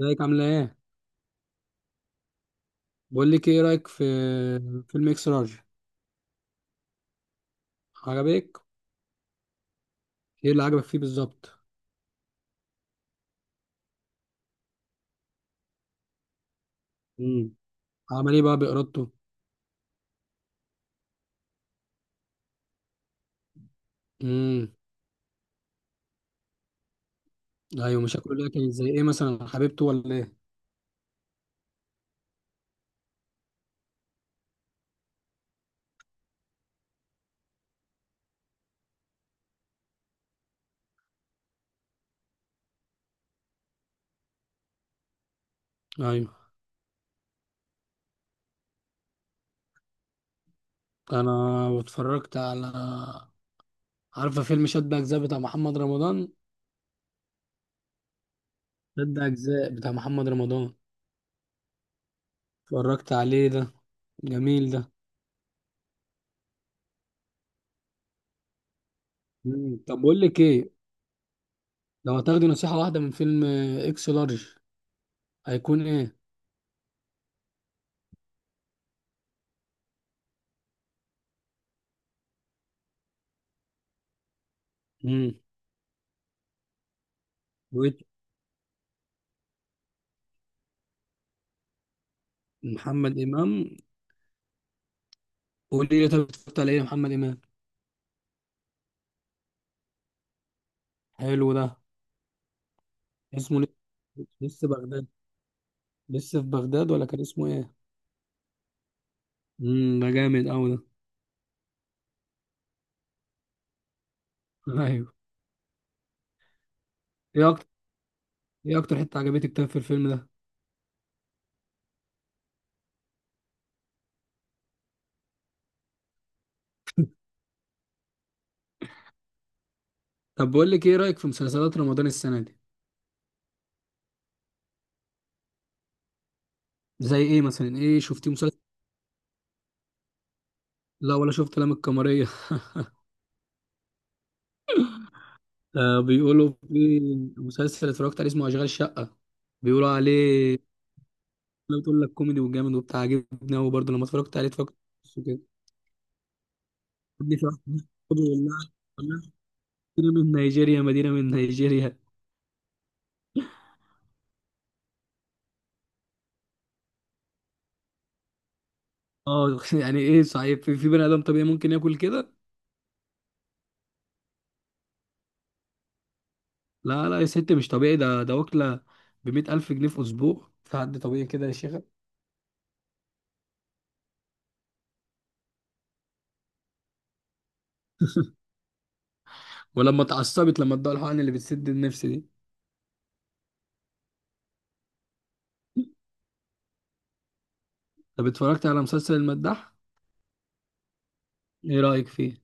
ازيك عاملة ايه؟ بقول لك ايه رأيك في فيلم اكس لارج؟ عجبك؟ ايه اللي عجبك فيه بالظبط؟ امم. عمل ايه بقى بإرادته؟ امم. ايوه، مشاكله ده كانت زي ايه مثلا، حبيبته ولا ايه؟ ايوه. انا اتفرجت على، عارفة فيلم شد أجزاء بتاع محمد رمضان؟ شد أجزاء بتاع محمد رمضان. اتفرجت عليه ده، جميل ده. امم، طب بقول لك ايه؟ لو هتاخدي نصيحة واحدة من فيلم اكس لارج هيكون ايه؟ امم. محمد إمام، قول لي طب اتفرجت على ايه يا محمد امام؟ حلو ده. اسمه لسه بغداد، لسه في بغداد ولا كان اسمه ايه؟ امم، ده جامد قوي ده. ايوه. ايه اكتر، ايه اكتر حته عجبتك طيب في الفيلم ده؟ طب بقول لك ايه رايك في مسلسلات رمضان السنه دي؟ زي ايه مثلا، ايه شفتي مسلسل؟ لا، ولا شفت لام القمريه. آه بيقولوا في مسلسل اتفرجت عليه اسمه اشغال شقه، بيقولوا عليه. انا بتقول لك كوميدي وجامد وبتاع، عجبني قوي برضه لما اتفرجت عليه، اتفرجت كده. خدني في واحد، خد والله. مدينة من نيجيريا، مدينة من نيجيريا. اه، يعني ايه صحيح في بني ادم طبيعي ممكن ياكل كده؟ لا لا يا ست، مش طبيعي ده، ده واكلة ب100,000 جنيه في أسبوع، في حد طبيعي كده يا شيخة؟ ولما اتعصبت لما ادوها الحقن اللي بتسد النفس دي. طب اتفرجت على مسلسل المداح؟ ايه رأيك فيه؟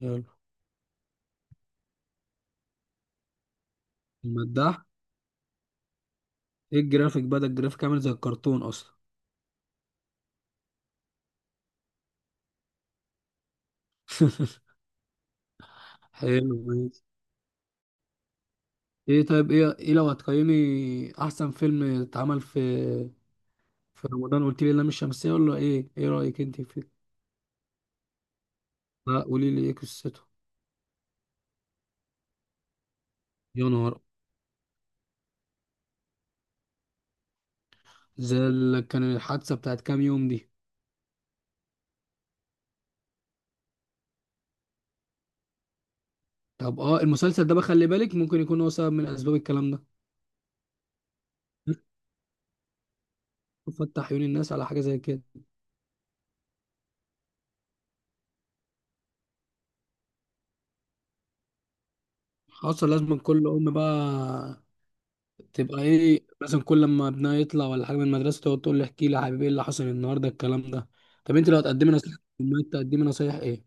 حلو. المداح. ايه الجرافيك بقى؟ ده الجرافيك عامل زي الكرتون اصلا. حلو، ماشي. ايه طيب، ايه ايه لو هتقيمي احسن فيلم اتعمل في في رمضان؟ قلت لي لام الشمسية ولا ايه؟ ايه رأيك انت فيه؟ لا، قولي لي ايه قصته. يا نهار، زي كان الحادثه بتاعت كام يوم دي. طب اه، المسلسل ده بقى خلي بالك ممكن يكون هو سبب من اسباب الكلام ده. فتح عيون الناس على حاجه زي كده. حصل، لازم كل ام بقى تبقى ايه مثلا، كل لما ابنها يطلع ولا حاجه من المدرسه تقعد تقول له احكي لي يا حبيبي ايه اللي حصل النهارده الكلام ده. طب انت لو هتقدمي نصيحه للامهات تقدمي نصايح ايه؟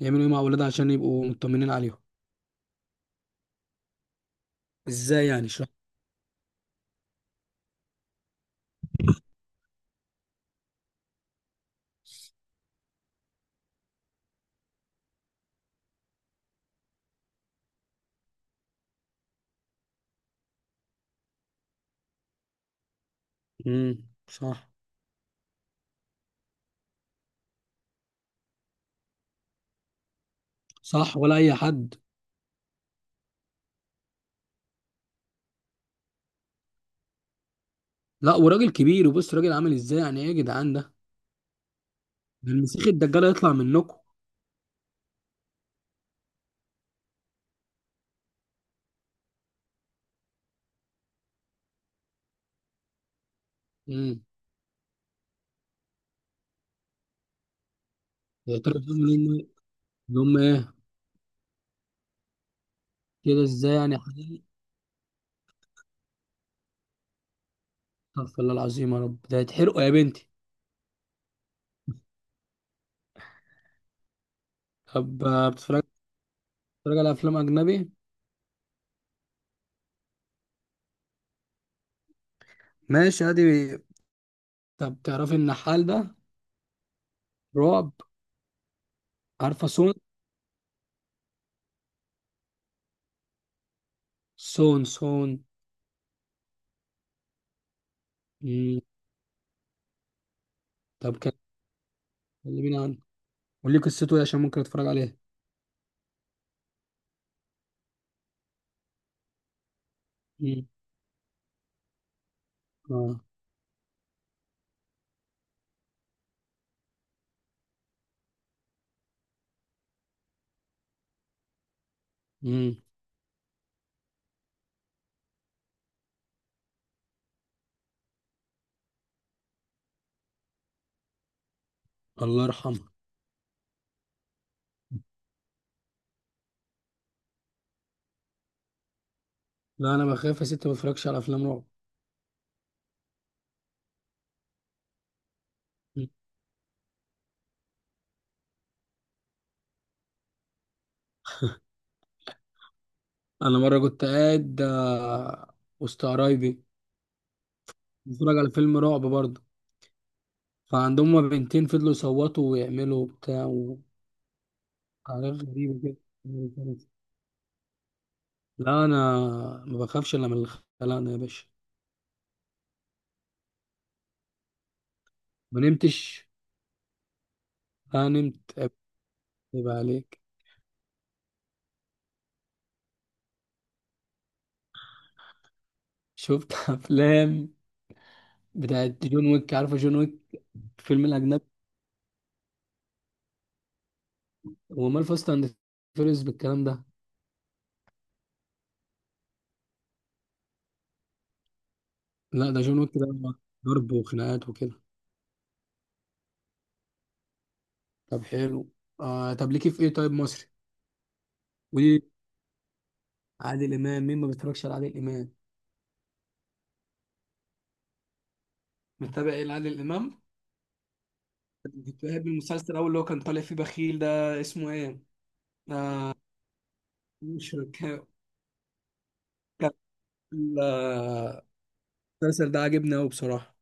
يعملوا ايه مع اولادها عشان يبقوا مطمنين عليهم؟ ازاي يعني شو؟ امم، صح. صح ولا اي حد. لا، وراجل كبير وبص راجل عامل ازاي؟ يعني ايه يا جدعان ده؟ ده المسيح الدجال هيطلع منكم. امم. يا ترى بيعملوا ايه اللي هم ايه؟ كده ازاي يعني يا حبيبي؟ استغفر الله العظيم، يا رب ده هيتحرقوا يا بنتي. طب بتتفرج على افلام اجنبي؟ ماشي، ادي. طب تعرفي النحال ده؟ رعب. عارفه سون. سون سون. امم. طب كلميني عنه، قولي قصته ايه عشان ممكن اتفرج عليه. امم. اه. امم. الله يرحمها. لا انا بخاف يا ست، ما بتفرجش على افلام رعب. انا مره كنت قاعد وسط قرايبي، بتفرج على فيلم رعب برضه، فعندهم هما بنتين فضلوا يصوتوا ويعملوا بتاع وحاجات غريبه كده. لا انا ما بخافش الا من الخلانه يا باشا. ما نمتش، انا نمت. يبقى عليك. شفت افلام بتاعت جون ويك، عارفه جون ويك فيلم الاجنبي؟ هو مال فاست اند فيرس بالكلام ده؟ لا ده جون ويك ده، ضرب وخناقات وكده. طب حلو. آه طب ليكي في ايه طيب مصري؟ عادل امام. مين ما بيتفرجش على عادل امام؟ متابع ايه لعادل امام؟ كنت بحب المسلسل الاول اللي هو كان طالع فيه بخيل ده، اسمه ايه؟ آه، مش فاكر. كان آه، المسلسل ده عاجبني قوي بصراحه.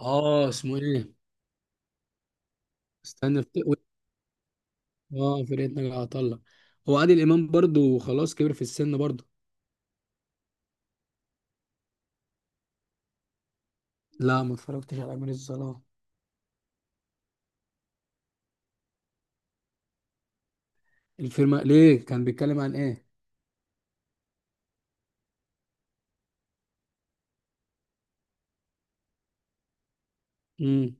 اه اسمه ايه؟ استنى اه فرقة ناجي عطا الله. هو عادل امام برضو خلاص كبر في السن برضو. لا ما اتفرجتش على امير الظلام. الفيلم ليه كان بيتكلم عن ايه؟ امم.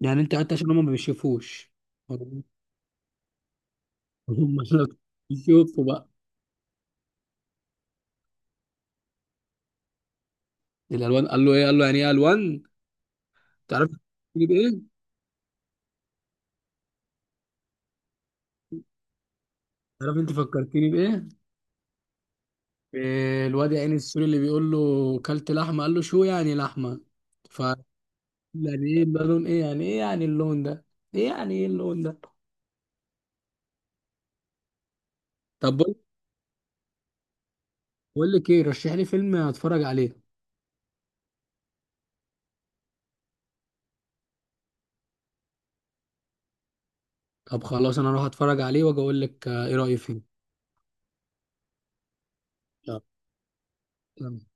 يعني انت قعدت عشان هم ما بيشوفوش؟ هم. لو بيشوفوا بقى. الالوان قال له ايه؟ قال له يعني ايه الوان. تعرف تجيب ايه؟ تعرف انت فكرتني بايه؟ إيه الواد يا عيني السوري اللي بيقول له كلت لحمه، قال له شو يعني لحمه؟ ف يعني ايه ده، لون ايه؟ يعني ايه يعني اللون ده؟ ايه يعني ايه اللون ده؟ طب بقول لك ايه، رشح لي فيلم اتفرج عليه. طب خلاص انا اروح اتفرج عليه واجي اقول لك ايه رايي فيه. يلا.